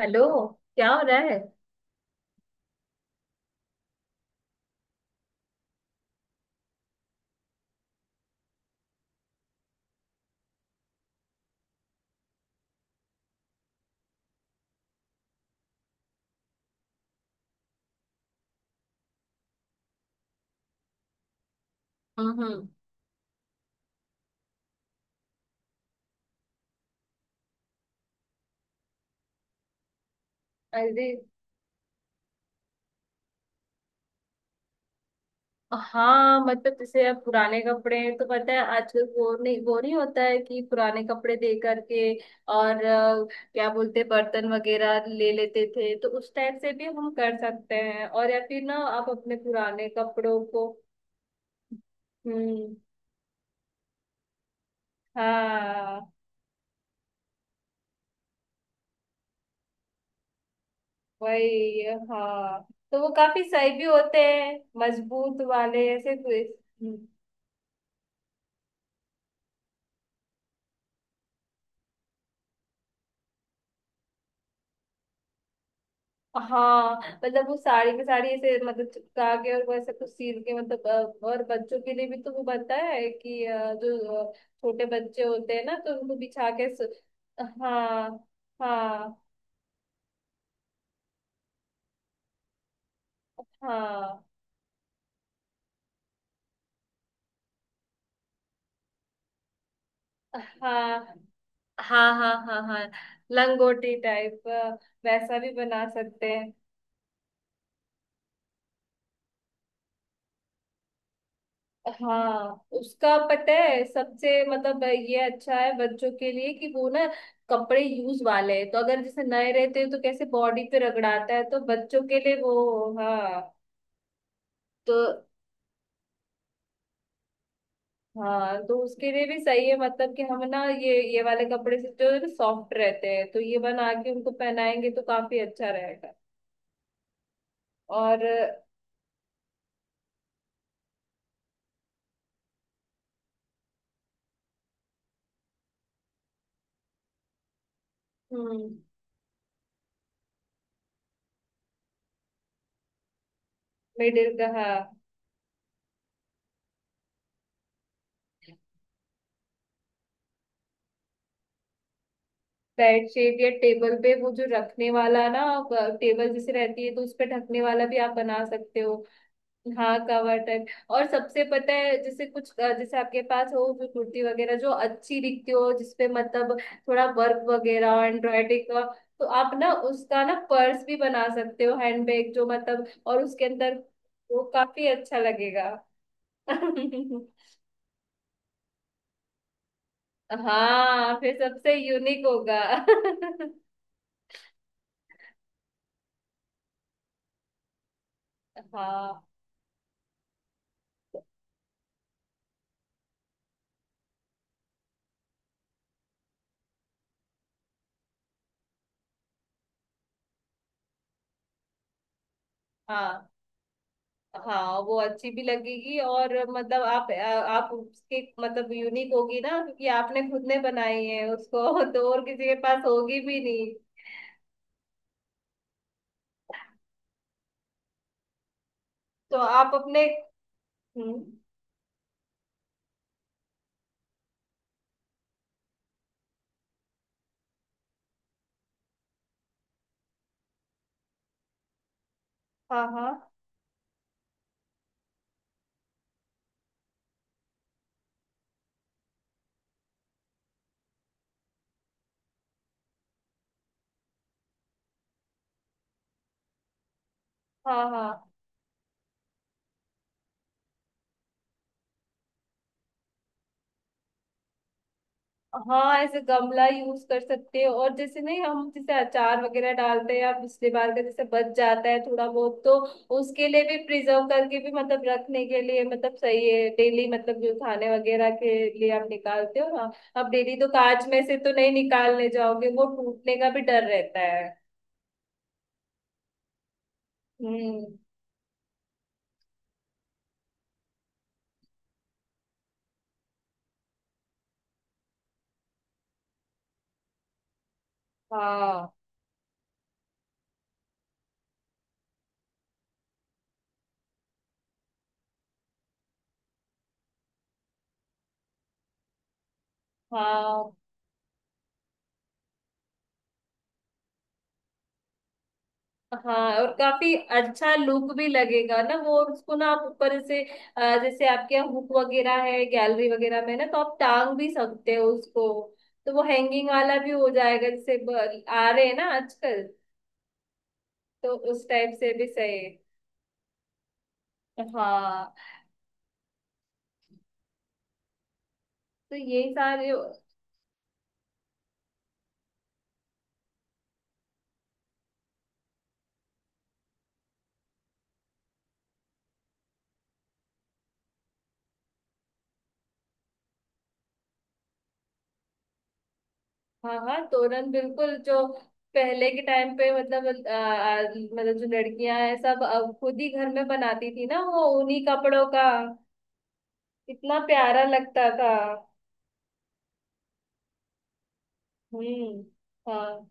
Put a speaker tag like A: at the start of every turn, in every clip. A: Hello. क्या हो रहा है? हम्म, अरे, हाँ मतलब जैसे अब पुराने कपड़े हैं, तो पता है आजकल वो नहीं होता है कि पुराने कपड़े दे करके और क्या बोलते हैं, बर्तन वगैरह ले लेते थे, तो उस टाइप से भी हम कर सकते हैं। और या फिर ना आप अपने पुराने कपड़ों को। हम्म। हाँ। वही। हाँ, तो वो काफी सही भी होते हैं, मजबूत वाले ऐसे कुछ। हाँ मतलब वो साड़ी की साड़ी ऐसे मतलब चिपका के और वैसे कुछ सील के मतलब, और बच्चों के लिए भी तो वो बनता है कि जो छोटे बच्चे होते हैं ना, तो उनको बिछा के सु... हाँ, हाँ, हाँ, हाँ। हाँ, हाँ, हाँ, हाँ। लंगोटी टाइप। वैसा भी बना सकते हैं। हाँ उसका पता है सबसे मतलब ये अच्छा है बच्चों के लिए कि वो ना कपड़े यूज वाले हैं तो अगर जैसे नए रहते हैं तो कैसे बॉडी पे रगड़ाता है, तो बच्चों के लिए वो, हाँ। तो हाँ तो उसके लिए भी सही है, मतलब कि हम ना ये वाले कपड़े से जो सॉफ्ट रहते हैं, तो ये बना के उनको पहनाएंगे तो काफी अच्छा रहेगा। और हम्म। मिडिल का, हाँ। बेडशीट या टेबल पे वो जो रखने वाला ना, टेबल जैसे रहती है तो उस पे ढकने वाला भी आप बना सकते हो। हाँ, कावाटन। और सबसे पता है जैसे कुछ, जैसे आपके पास हो जो कुर्ती वगैरह जो अच्छी दिखती हो जिसपे मतलब थोड़ा वर्क वगैरह और एम्ब्रॉयडरी का, तो आप ना उसका ना पर्स भी बना सकते हो, हैंडबैग जो मतलब, और उसके अंदर वो काफी अच्छा लगेगा। हाँ, फिर सबसे यूनिक होगा। हाँ, हाँ, हाँ, वो अच्छी भी लगेगी और मतलब आप उसकी मतलब, यूनिक होगी ना क्योंकि आपने खुद ने बनाई है उसको। तो और किसी के पास होगी भी नहीं। तो आप अपने। हम्म। हाँ, हाँ, हाँ, हाँ, हाँ। ऐसे गमला यूज कर सकते हो। और जैसे नहीं, हम जैसे अचार वगैरह डालते हैं या पिछली बार का जैसे बच जाता है थोड़ा बहुत, तो उसके लिए भी प्रिजर्व करके भी मतलब रखने के लिए मतलब सही है। डेली मतलब जो खाने वगैरह के लिए आप निकालते हो ना, आप डेली तो कांच में से तो नहीं निकालने जाओगे, वो टूटने का भी डर रहता है। हम्म। हाँ, हाँ, हाँ। और काफी अच्छा लुक भी लगेगा ना वो। और उसको ना आप ऊपर से, जैसे आपके यहाँ हुक वगैरह है गैलरी वगैरह में ना, तो आप टांग भी सकते हो उसको। तो वो हैंगिंग वाला भी हो जाएगा, जैसे आ रहे हैं ना आजकल, तो उस टाइप से भी सही है। हाँ। तो यही सारे। हाँ, हाँ, तोरण बिल्कुल, जो पहले के टाइम पे मतलब मतलब जो लड़कियां हैं सब खुद ही घर में बनाती थी ना वो उन्हीं कपड़ों का। इतना प्यारा लगता था। हम्म। हाँ।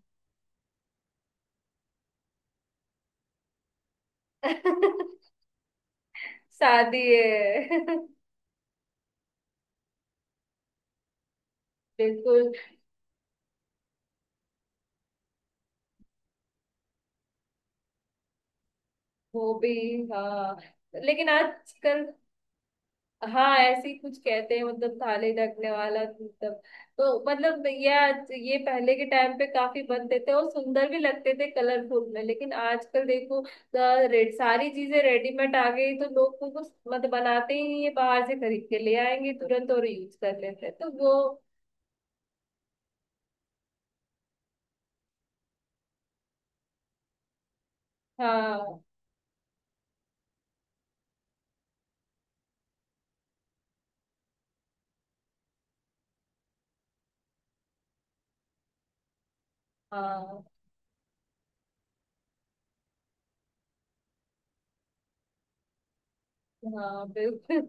A: शादी है। बिल्कुल। वो भी, हाँ। लेकिन आजकल। हाँ, ऐसे ही कुछ कहते हैं मतलब थाली ढकने वाला, मतलब। तो मतलब ये ये पहले के टाइम पे काफी बनते थे और सुंदर भी लगते थे कलरफुल में, लेकिन आजकल देखो, रेड सारी चीजें रेडीमेड आ गई तो लोग तो कुछ मतलब बनाते ही नहीं है, बाहर से खरीद के ले आएंगे तुरंत और यूज कर लेते हैं, तो वो। हाँ, हाँ, हाँ। बिल्कुल।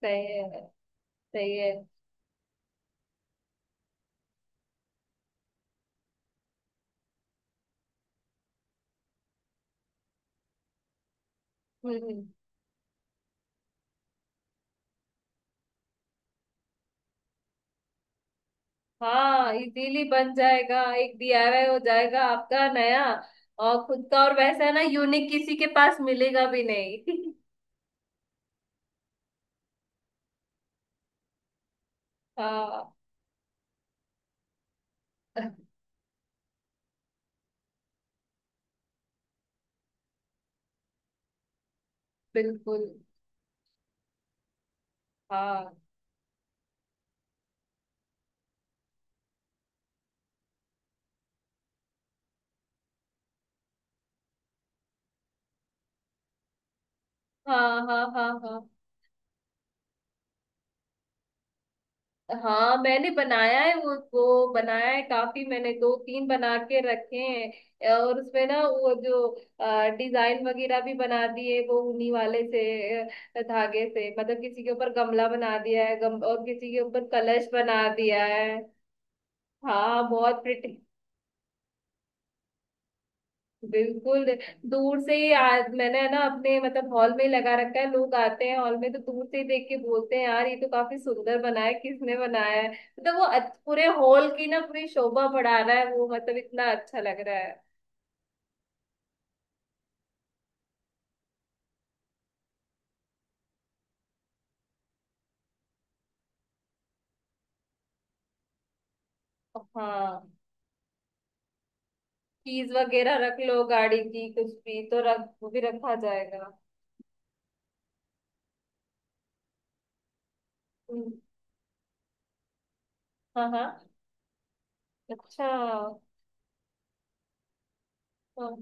A: सही है। सही है। हम्म, हम्म। हाँ, इजीली बन जाएगा, एक डीआईवाई हो जाएगा आपका नया और खुद का। और वैसा है ना, यूनिक, किसी के पास मिलेगा भी नहीं। हाँ, बिल्कुल। हाँ, हाँ, हाँ, हाँ, हाँ, हाँ। हाँ मैंने बनाया है वो बनाया है काफी, मैंने दो तीन बना के रखे हैं। और उसमें ना वो जो डिजाइन वगैरह भी बना दिए वो ऊनी वाले से, धागे से, मतलब किसी के ऊपर गमला बना दिया है, और किसी के ऊपर कलश बना दिया है। हाँ, बहुत प्रिटी। बिल्कुल। दूर से ही मैंने है ना अपने मतलब हॉल में ही लगा रखा है, लोग आते हैं हॉल में तो दूर से ही देख के बोलते हैं यार ये तो काफी सुंदर बना है, किसने बनाया है, मतलब वो पूरे हॉल की ना पूरी शोभा बढ़ा रहा है वो, मतलब इतना अच्छा लग रहा है। हाँ, कीज वगैरह रख लो गाड़ी की, कुछ भी तो रख, वो भी रखा जाएगा। हम्म, हाँ, हाँ। अच्छा, हाँ,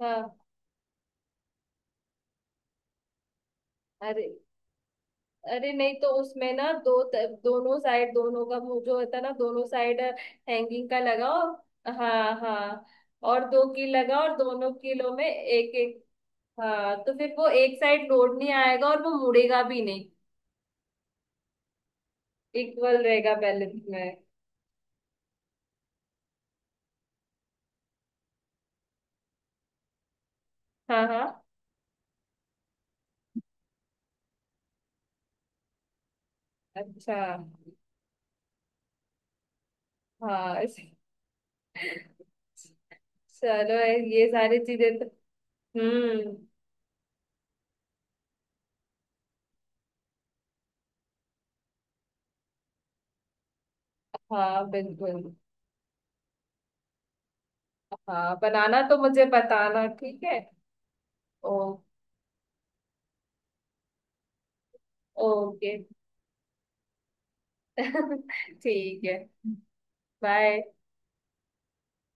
A: हाँ। अरे, अरे नहीं, तो उसमें ना दो दोनों साइड, दोनों का मुंह जो होता है ना दोनों साइड, हैंगिंग का लगाओ। हाँ, हाँ, और दो कील लगाओ और दोनों कीलों में एक एक। हाँ, तो फिर वो एक साइड लोड नहीं आएगा और वो मुड़ेगा भी नहीं। इक्वल रहेगा बैलेंस में। हाँ, हाँ। अच्छा। हाँ, चलो। ये सारी चीजें तो। हम्म। हाँ, बिल्कुल। हाँ, बनाना तो मुझे बताना, ठीक है? ओ। ओके। ठीक है। बाय।